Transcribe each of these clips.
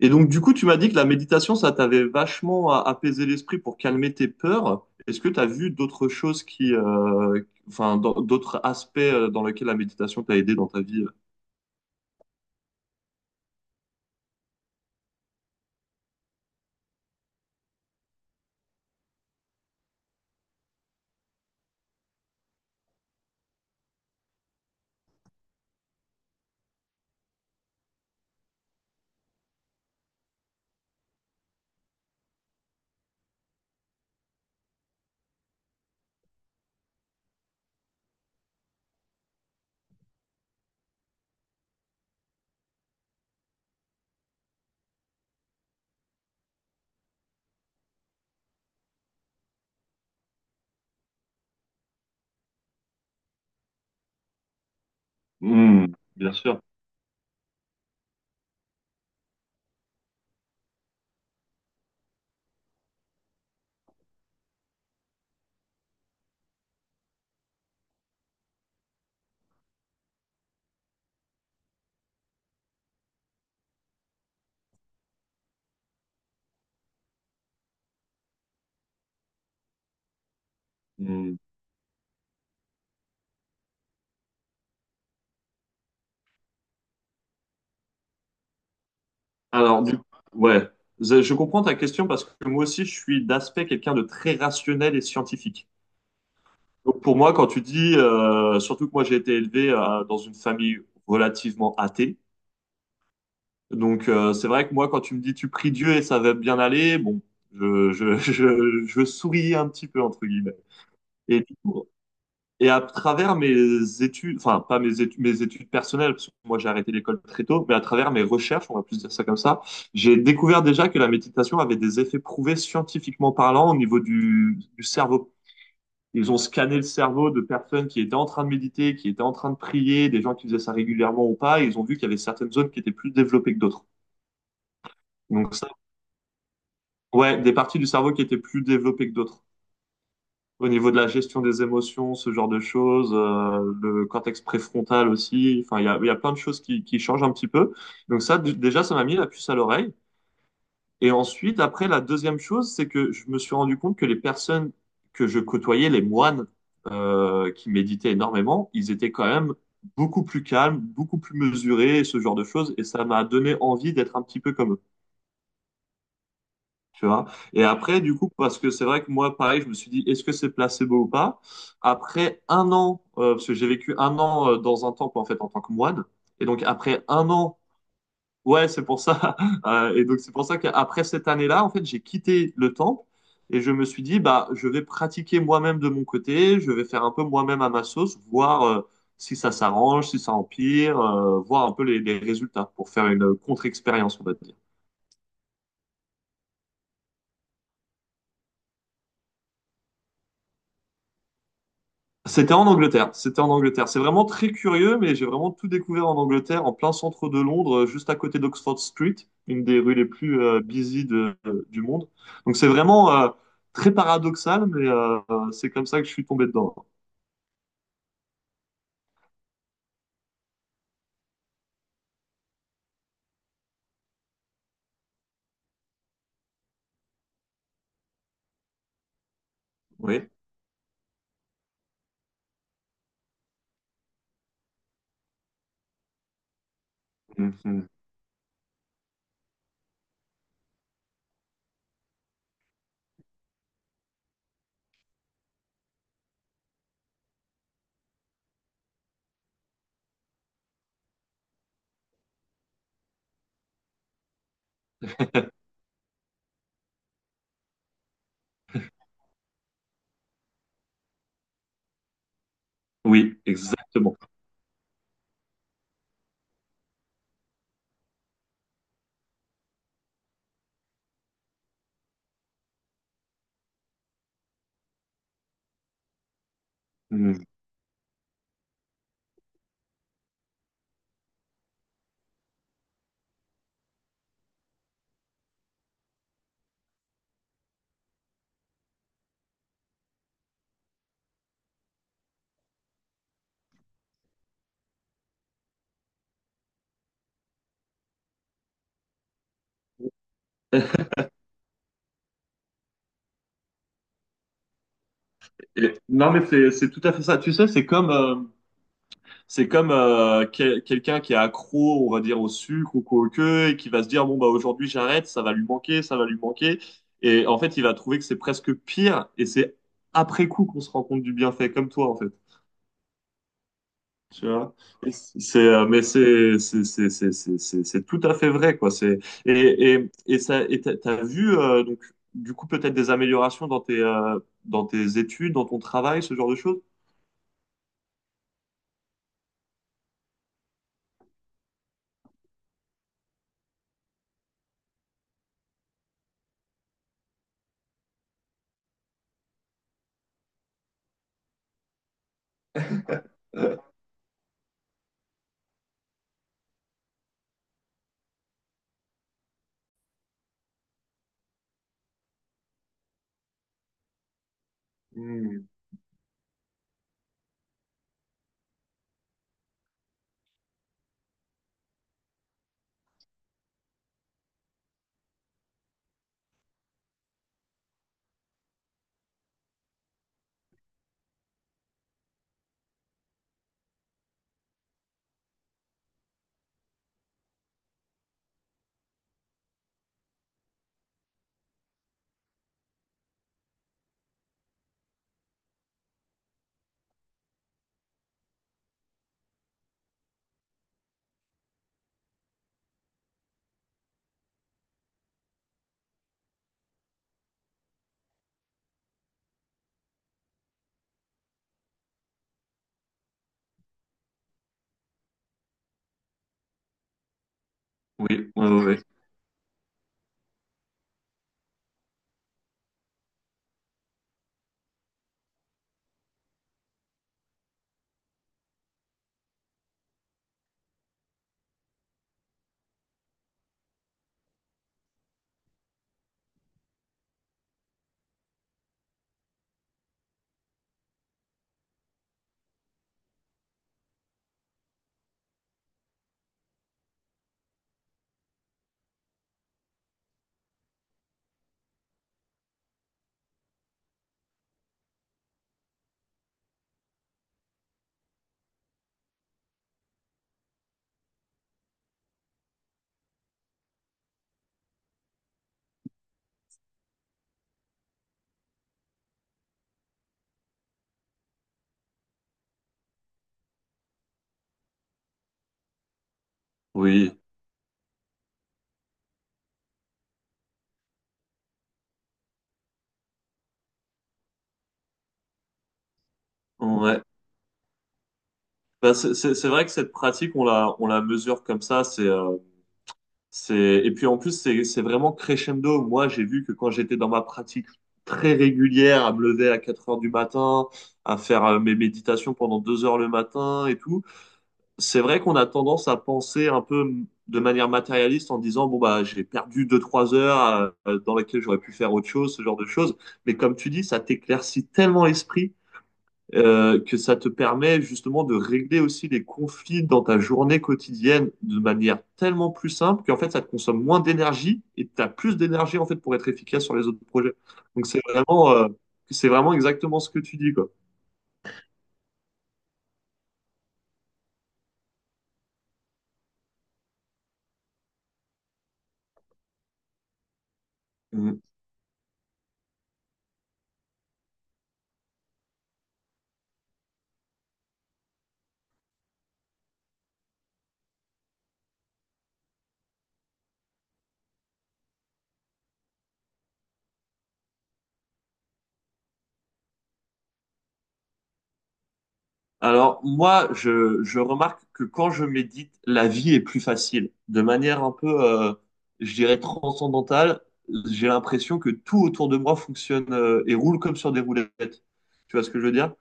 Et donc, du coup, tu m'as dit que la méditation, ça t'avait vachement apaisé l'esprit pour calmer tes peurs. Est-ce que tu as vu d'autres choses qui, enfin, d'autres aspects dans lesquels la méditation t'a aidé dans ta vie? Hmm, bien sûr. Hmm. Alors, du Ouais, je comprends ta question parce que moi aussi, je suis d'aspect quelqu'un de très rationnel et scientifique. Donc, pour moi, quand tu dis, surtout que moi, j'ai été élevé dans une famille relativement athée. Donc c'est vrai que moi, quand tu me dis tu pries Dieu et ça va bien aller, bon, je souris un petit peu, entre guillemets. Et, du coup- et à travers mes études, enfin pas mes études, mes études personnelles, parce que moi j'ai arrêté l'école très tôt, mais à travers mes recherches, on va plus dire ça comme ça, j'ai découvert déjà que la méditation avait des effets prouvés scientifiquement parlant au niveau du cerveau. Ils ont scanné le cerveau de personnes qui étaient en train de méditer, qui étaient en train de prier, des gens qui faisaient ça régulièrement ou pas, et ils ont vu qu'il y avait certaines zones qui étaient plus développées que d'autres. Donc ça. Ouais, des parties du cerveau qui étaient plus développées que d'autres. Au niveau de la gestion des émotions, ce genre de choses, le cortex préfrontal aussi. Enfin, il y a plein de choses qui changent un petit peu. Donc ça, déjà, ça m'a mis la puce à l'oreille. Et ensuite, après, la deuxième chose, c'est que je me suis rendu compte que les personnes que je côtoyais, les moines, qui méditaient énormément, ils étaient quand même beaucoup plus calmes, beaucoup plus mesurés, et ce genre de choses. Et ça m'a donné envie d'être un petit peu comme eux. Tu vois? Et après, du coup, parce que c'est vrai que moi, pareil, je me suis dit, est-ce que c'est placebo ou pas? Après un an, parce que j'ai vécu un an dans un temple, en fait, en tant que moine. Et donc, après un an, ouais, c'est pour ça. Et donc, c'est pour ça qu'après cette année-là, en fait, j'ai quitté le temple et je me suis dit, bah, je vais pratiquer moi-même de mon côté, je vais faire un peu moi-même à ma sauce, voir si ça s'arrange, si ça empire, voir un peu les résultats pour faire une contre-expérience, on va dire. C'était en Angleterre. C'était en Angleterre. C'est vraiment très curieux, mais j'ai vraiment tout découvert en Angleterre, en plein centre de Londres, juste à côté d'Oxford Street, une des rues les plus busy du monde. Donc c'est vraiment très paradoxal, mais c'est comme ça que je suis tombé dedans. Oui. Mhm. Oui, exactement. Mm. Non, mais c'est tout à fait ça. Tu sais, c'est comme quelqu'un qui est accro, on va dire, au sucre ou quoi que, et qui va se dire, bon, bah, aujourd'hui, j'arrête, ça va lui manquer, ça va lui manquer. Et en fait, il va trouver que c'est presque pire, et c'est après coup qu'on se rend compte du bienfait, comme toi, en fait. Tu vois? Mais c'est tout à fait vrai, quoi. Et ça, t'as vu, donc, du coup, peut-être des améliorations dans tes études, dans ton travail, ce genre de choses? Euh, hmm. Oui, ouais, ouais, ouais. Oui. Ouais. Bah, c'est vrai que cette pratique, on la mesure comme ça. C'est, et puis en plus, c'est vraiment crescendo. Moi, j'ai vu que quand j'étais dans ma pratique très régulière, à me lever à 4 heures du matin, à faire mes méditations pendant 2 heures le matin et tout, c'est vrai qu'on a tendance à penser un peu de manière matérialiste en disant, bon, bah, j'ai perdu 2, 3 heures dans lesquelles j'aurais pu faire autre chose, ce genre de choses. Mais comme tu dis, ça t'éclaircit tellement l'esprit que ça te permet justement de régler aussi les conflits dans ta journée quotidienne de manière tellement plus simple qu'en fait ça te consomme moins d'énergie et tu as plus d'énergie en fait pour être efficace sur les autres projets. Donc c'est vraiment exactement ce que tu dis quoi. Mhm. Alors moi je remarque que quand je médite, la vie est plus facile, de manière un peu, je dirais transcendantale. J'ai l'impression que tout autour de moi fonctionne et roule comme sur des roulettes. Tu vois ce que je veux dire?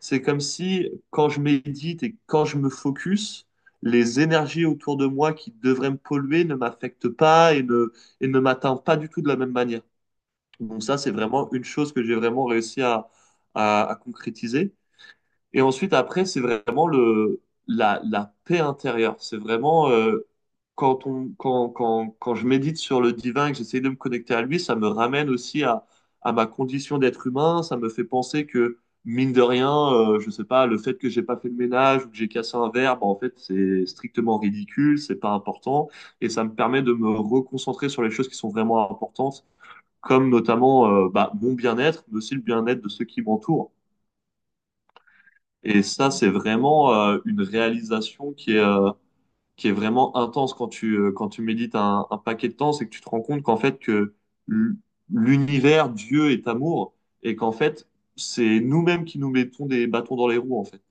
C'est comme si, quand je médite et quand je me focus, les énergies autour de moi qui devraient me polluer ne m'affectent pas et ne, et ne m'atteignent pas du tout de la même manière. Donc ça, c'est vraiment une chose que j'ai vraiment réussi à, à concrétiser. Et ensuite, après, c'est vraiment le, la paix intérieure. C'est vraiment quand on, quand je médite sur le divin et que j'essaie de me connecter à lui, ça me ramène aussi à ma condition d'être humain. Ça me fait penser que, mine de rien, je sais pas, le fait que j'ai pas fait le ménage ou que j'ai cassé un verre, bah, en fait, c'est strictement ridicule, c'est pas important. Et ça me permet de me reconcentrer sur les choses qui sont vraiment importantes, comme notamment bah, mon bien-être, mais aussi le bien-être de ceux qui m'entourent. Et ça, c'est vraiment une réalisation qui est vraiment intense quand tu médites un paquet de temps, c'est que tu te rends compte qu'en fait, que l- l'univers, Dieu est amour, et qu'en fait, c'est nous-mêmes qui nous mettons des bâtons dans les roues, en fait.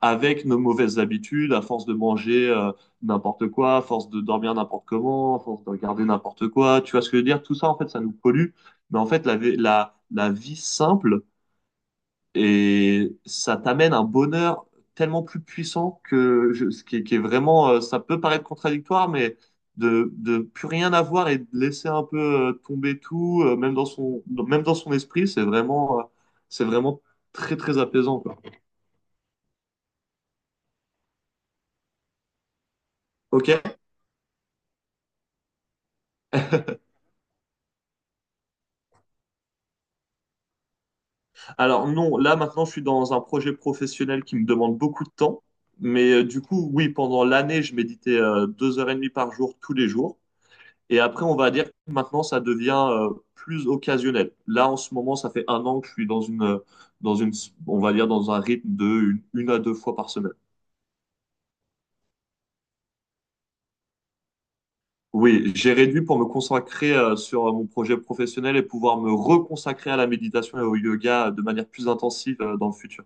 Avec nos mauvaises habitudes, à force de manger n'importe quoi, à force de dormir n'importe comment, à force de regarder n'importe quoi, tu vois ce que je veux dire? Tout ça, en fait, ça nous pollue. Mais en fait, la, la vie simple, et ça t'amène un bonheur tellement plus puissant que ce qui est vraiment, ça peut paraître contradictoire, mais de plus rien avoir et de laisser un peu tomber tout, même même dans son esprit, c'est vraiment très, très apaisant, quoi. OK? Alors non, là maintenant, je suis dans un projet professionnel qui me demande beaucoup de temps, mais du coup, oui, pendant l'année, je méditais 2 heures et demie par jour, tous les jours. Et après, on va dire que maintenant, ça devient plus occasionnel. Là, en ce moment, ça fait un an que je suis dans une, on va dire dans un rythme de une à deux fois par semaine. Oui, j'ai réduit pour me consacrer sur mon projet professionnel et pouvoir me reconsacrer à la méditation et au yoga de manière plus intensive dans le futur.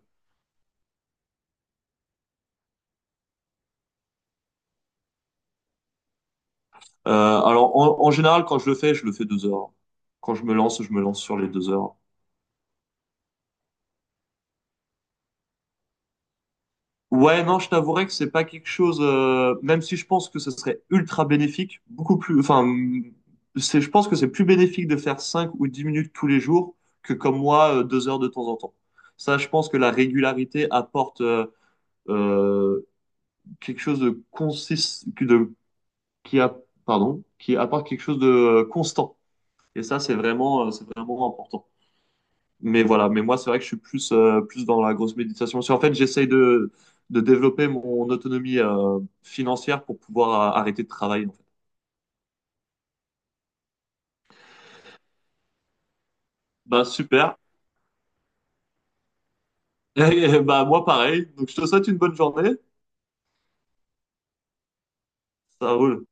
Alors, en général, quand je le fais 2 heures. Quand je me lance sur les 2 heures. Ouais, non, je t'avouerais que c'est pas quelque chose, même si je pense que ce serait ultra bénéfique, beaucoup plus, enfin, c'est, je pense que c'est plus bénéfique de faire 5 ou 10 minutes tous les jours que comme moi, 2 heures de temps en temps. Ça, je pense que la régularité apporte euh, quelque chose de consist, que de, qui a, pardon, qui apporte quelque chose de constant. Et ça, c'est vraiment important. Mais voilà, mais moi, c'est vrai que je suis plus, plus dans la grosse méditation. C'est en fait, j'essaye de développer mon autonomie financière pour pouvoir arrêter de travailler, en fait. Bah, super. Et, bah, moi, pareil. Donc, je te souhaite une bonne journée. Ça roule.